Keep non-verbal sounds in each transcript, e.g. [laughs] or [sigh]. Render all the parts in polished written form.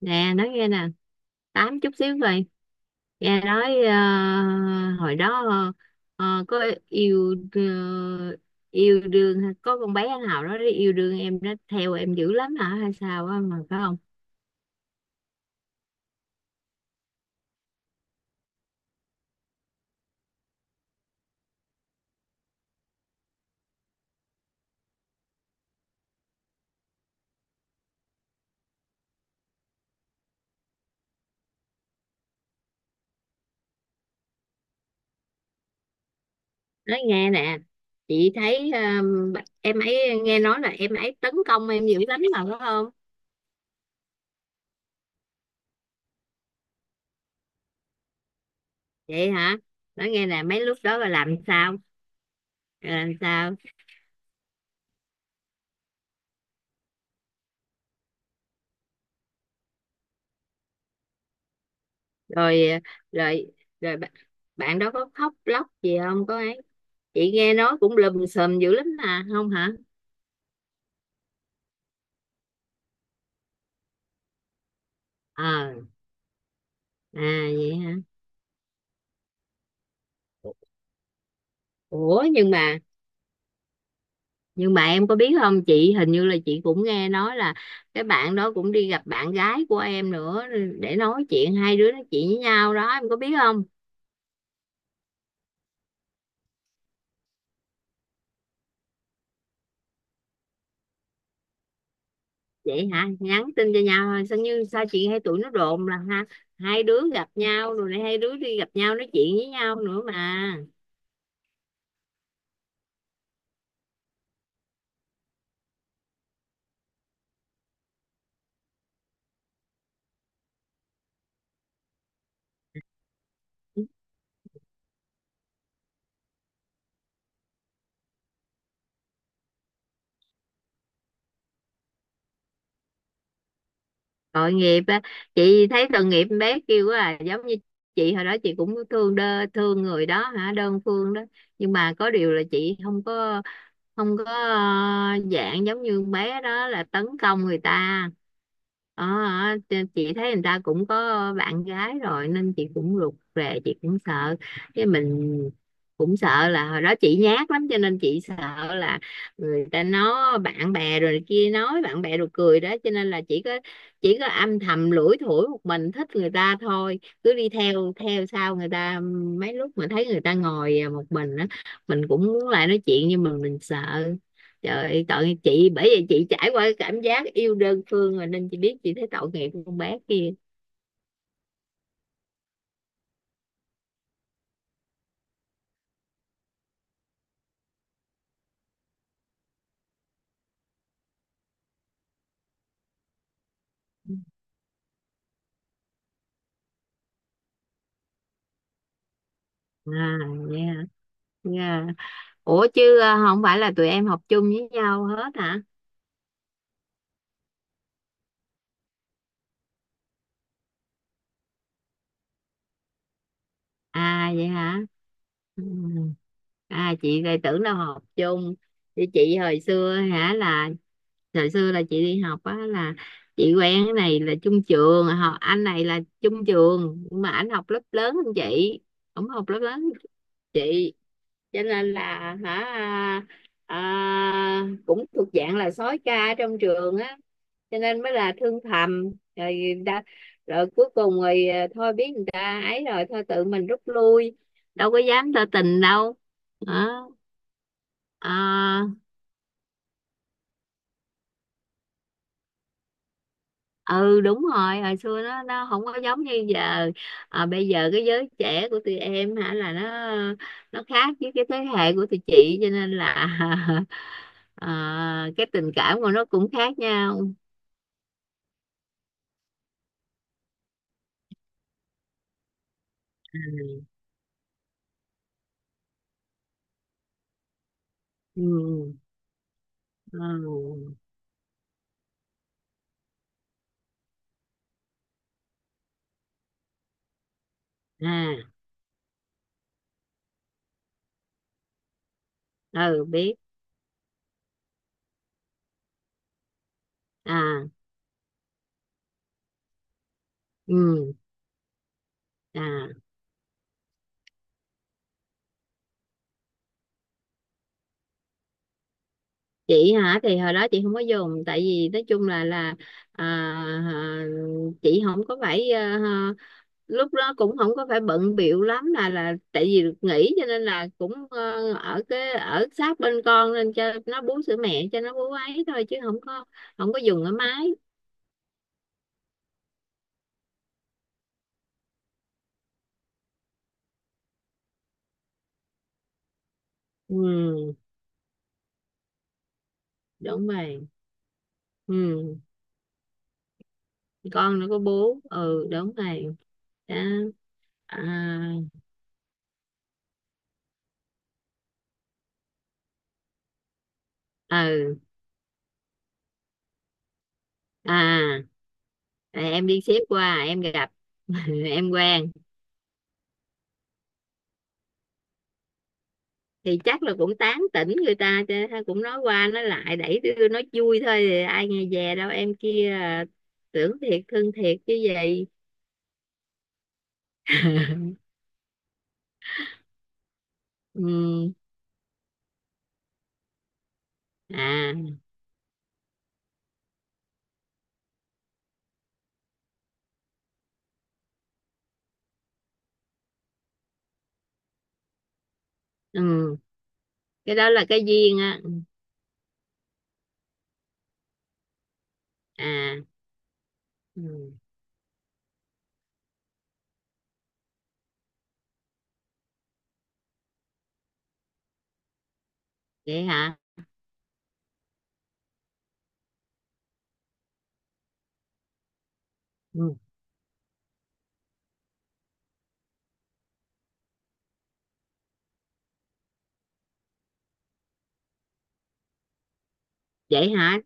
Nè, nói nghe nè, tám chút xíu vậy. Nghe nói hồi đó có yêu, yêu đương có con bé nào đó yêu đương em đó, theo em dữ lắm hả hay sao á, mà phải không? Nói nghe nè, chị thấy em ấy, nghe nói là em ấy tấn công em dữ lắm mà phải không? Vậy hả? Nói nghe nè, mấy lúc đó là làm sao? Làm sao? Rồi, rồi, rồi bạn đó có khóc lóc gì không có ấy? Chị nghe nói cũng lùm xùm dữ lắm mà, không hả? Ờ. À, vậy hả? Ủa, nhưng mà em có biết không, chị hình như là chị cũng nghe nói là cái bạn đó cũng đi gặp bạn gái của em nữa, để nói chuyện, hai đứa nói chuyện với nhau đó, em có biết không? Vậy hả, nhắn tin cho nhau thôi sao, như sao chị hay tụi nó đồn là ha, hai đứa gặp nhau rồi này, hai đứa đi gặp nhau nói chuyện với nhau nữa mà. Tội nghiệp á, chị thấy tội nghiệp con bé kêu quá à, giống như chị hồi đó chị cũng thương đơ, thương người đó hả, đơn phương đó. Nhưng mà có điều là chị không có dạng giống như con bé đó là tấn công người ta. Ờ. Chị thấy người ta cũng có bạn gái rồi nên chị cũng rụt rè, chị cũng sợ. Cái mình cũng sợ là hồi đó chị nhát lắm cho nên chị sợ là người ta nói bạn bè rồi này kia, nói bạn bè rồi cười đó, cho nên là chỉ có âm thầm lủi thủi một mình thích người ta thôi, cứ đi theo, theo sau người ta. Mấy lúc mà thấy người ta ngồi à một mình á, mình cũng muốn lại nói chuyện nhưng mà mình sợ. Trời ơi, tội chị, bởi vì chị trải qua cái cảm giác yêu đơn phương rồi nên chị biết, chị thấy tội nghiệp con bé kia. À. Nha. Nha. Ủa chứ không phải là tụi em học chung với nhau hết hả? À vậy hả? Ừ. À, chị lại tưởng đâu học chung. Thì chị hồi xưa hả, là thời xưa là chị đi học á, là chị quen cái này là chung trường, họ anh này là chung trường nhưng mà anh học lớp lớn hơn chị, ổng học lớp lớn hơn chị, cho nên là, hả, cũng thuộc dạng là sói ca trong trường á, cho nên mới là thương thầm. Rồi đã, rồi cuối cùng rồi thôi biết người ta ấy rồi, thôi tự mình rút lui, đâu có dám tỏ tình đâu. Đó. À, ừ đúng rồi, hồi xưa nó không có giống như giờ. Bây giờ cái giới trẻ của tụi em hả, là nó khác với cái thế hệ của tụi chị, cho nên là [laughs] cái tình cảm của nó cũng khác nhau. À. Ừ. Ừ. À. Ừ biết. À. Ừ. À. chị hả, thì hồi đó chị không có dùng, tại vì nói chung là, à, à, chị không có phải lúc đó cũng không có phải bận bịu lắm, là tại vì được nghỉ cho nên là cũng ở cái ở sát bên con nên cho nó bú sữa mẹ, cho nó bú ấy thôi chứ không có, không có dùng ở máy. Ừ. Đúng rồi. Ừ con nó có bú, ừ đúng rồi. Đó. À. Ừ. À. À, em đi xếp qua em gặp, [laughs] em quen. Thì chắc là cũng tán tỉnh người ta chứ, thôi cũng nói qua nói lại, đẩy đưa nói vui thôi, thì ai nghe về đâu, em kia tưởng thiệt thương thiệt chứ gì. [laughs] Ừ. À. Ừ. Cái đó là cái duyên á. À. Ừ. Vậy hả? Ừ. Vậy hả?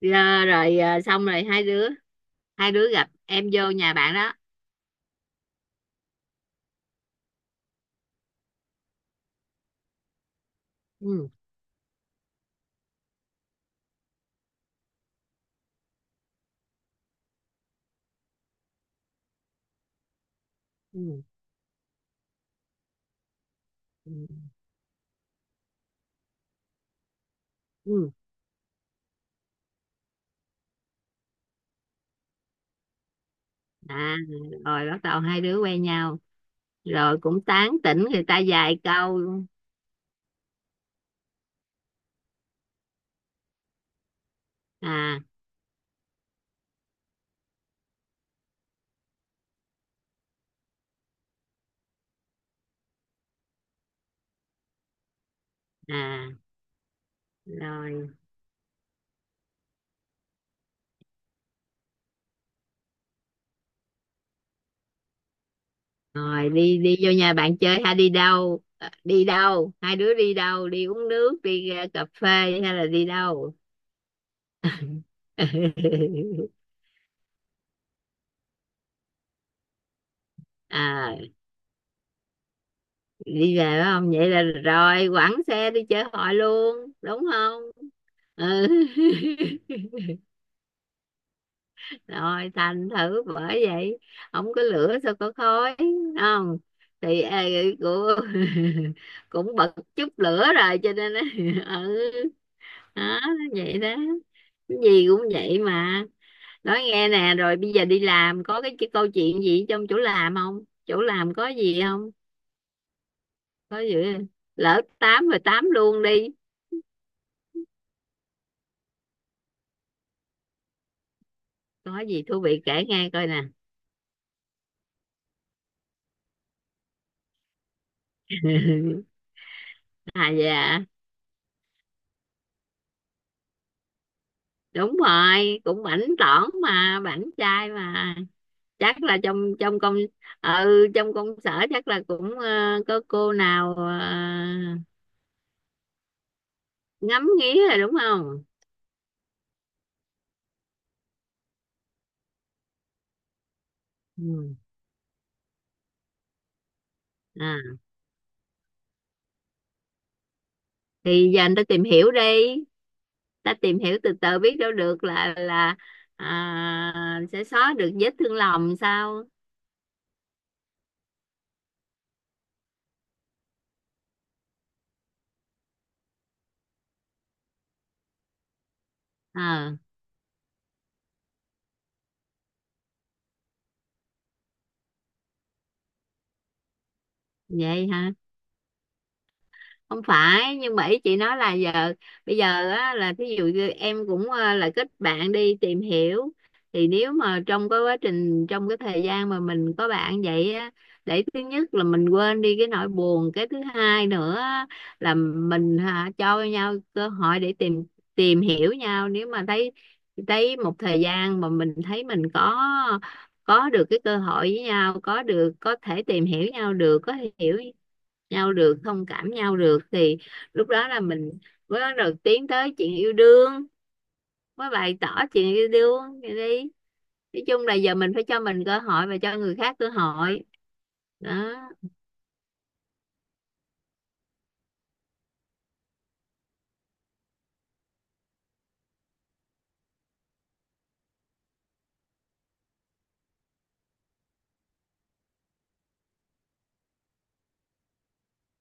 Rồi, rồi, xong rồi hai đứa, hai đứa gặp, em vô nhà bạn đó. Ừ. Ừ. Ừ. Ừ. À. Rồi bắt đầu hai đứa quen nhau, rồi cũng tán tỉnh người ta vài câu. À. À. Rồi, rồi đi, đi vô nhà bạn chơi hay đi đâu, ờ, đi đâu, hai đứa đi đâu, đi uống nước, đi ra cà phê, hay là đi đâu? [laughs] À, đi về phải không, vậy là rồi quẳng xe đi chơi hội luôn đúng không? Ừ. [laughs] Rồi thành thử bởi vậy, không có lửa sao có khói. Không. Thì cô [laughs] cũng bật chút lửa rồi cho nên á. [laughs] Ừ. Đó. Vậy đó, cái gì cũng vậy mà. Nói nghe nè, rồi bây giờ đi làm có cái câu chuyện gì trong chỗ làm không, chỗ làm có gì không? Có gì không? Lỡ tám rồi tám luôn đi. Có gì thú vị kể nghe coi nè. [laughs] À dạ. Đúng rồi, cũng bảnh tỏn mà, bảnh trai mà. Chắc là trong trong công, ừ trong công sở chắc là cũng có cô nào ngắm nghía rồi đúng không? Ừ. À, thì giờ anh ta tìm hiểu đi, ta tìm hiểu từ từ biết đâu được là sẽ xóa được vết thương lòng sao. Ờ. Vậy hả? Không phải, nhưng mà ý chị nói là giờ, bây giờ á, là thí dụ như em cũng là kết bạn đi tìm hiểu, thì nếu mà trong cái quá trình, trong cái thời gian mà mình có bạn vậy á, để thứ nhất là mình quên đi cái nỗi buồn, cái thứ hai nữa á, là mình hả, cho nhau cơ hội để tìm, tìm hiểu nhau, nếu mà thấy, thấy một thời gian mà mình thấy mình có được cái cơ hội với nhau, có được có thể tìm hiểu nhau được, có thể hiểu nhau được, thông cảm nhau được thì lúc đó là mình mới bắt đầu tiến tới chuyện yêu đương, mới bày tỏ chuyện yêu đương vậy đi. Nói chung là giờ mình phải cho mình cơ hội và cho người khác cơ hội. Đó.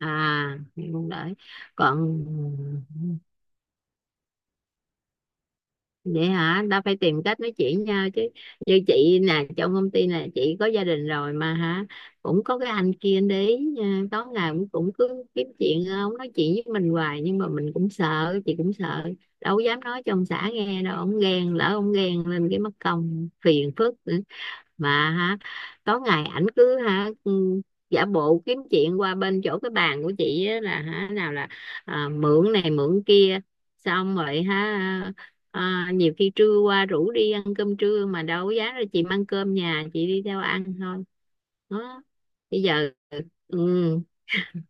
À thì cũng đợi. Còn, vậy hả, ta phải tìm cách nói chuyện nhau chứ. Như chị nè, trong công ty nè, chị có gia đình rồi mà hả, cũng có cái anh kia để ý nha, tối ngày cũng cũng cứ kiếm chuyện ông nói chuyện với mình hoài, nhưng mà mình cũng sợ, chị cũng sợ, đâu dám nói cho ông xã nghe đâu, ông ghen, lỡ ông ghen lên cái mất công phiền phức. Ừ, mà ha, tối ngày ảnh cứ ha, ừ, giả bộ kiếm chuyện qua bên chỗ cái bàn của chị á, là hả nào là mượn này mượn kia, xong rồi ha, nhiều khi trưa qua rủ đi ăn cơm trưa mà đâu có dám đâu, chị mang cơm nhà chị đi theo ăn thôi. Đó. Bây giờ, ừ,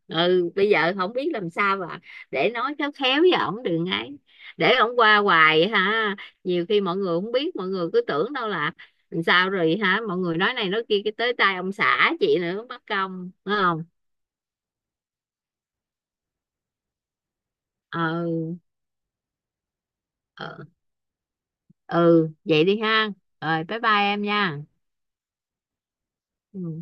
ừ bây giờ không biết làm sao mà để nói khéo khéo với ổng đừng, ngay để ổng qua hoài ha, nhiều khi mọi người không biết, mọi người cứ tưởng đâu là làm sao rồi hả, mọi người nói này nói kia cái tới tay ông xã chị nữa, mất công đúng không. Ừ. Ừ, ừ vậy đi ha. Rồi bye bye em nha. Ừ.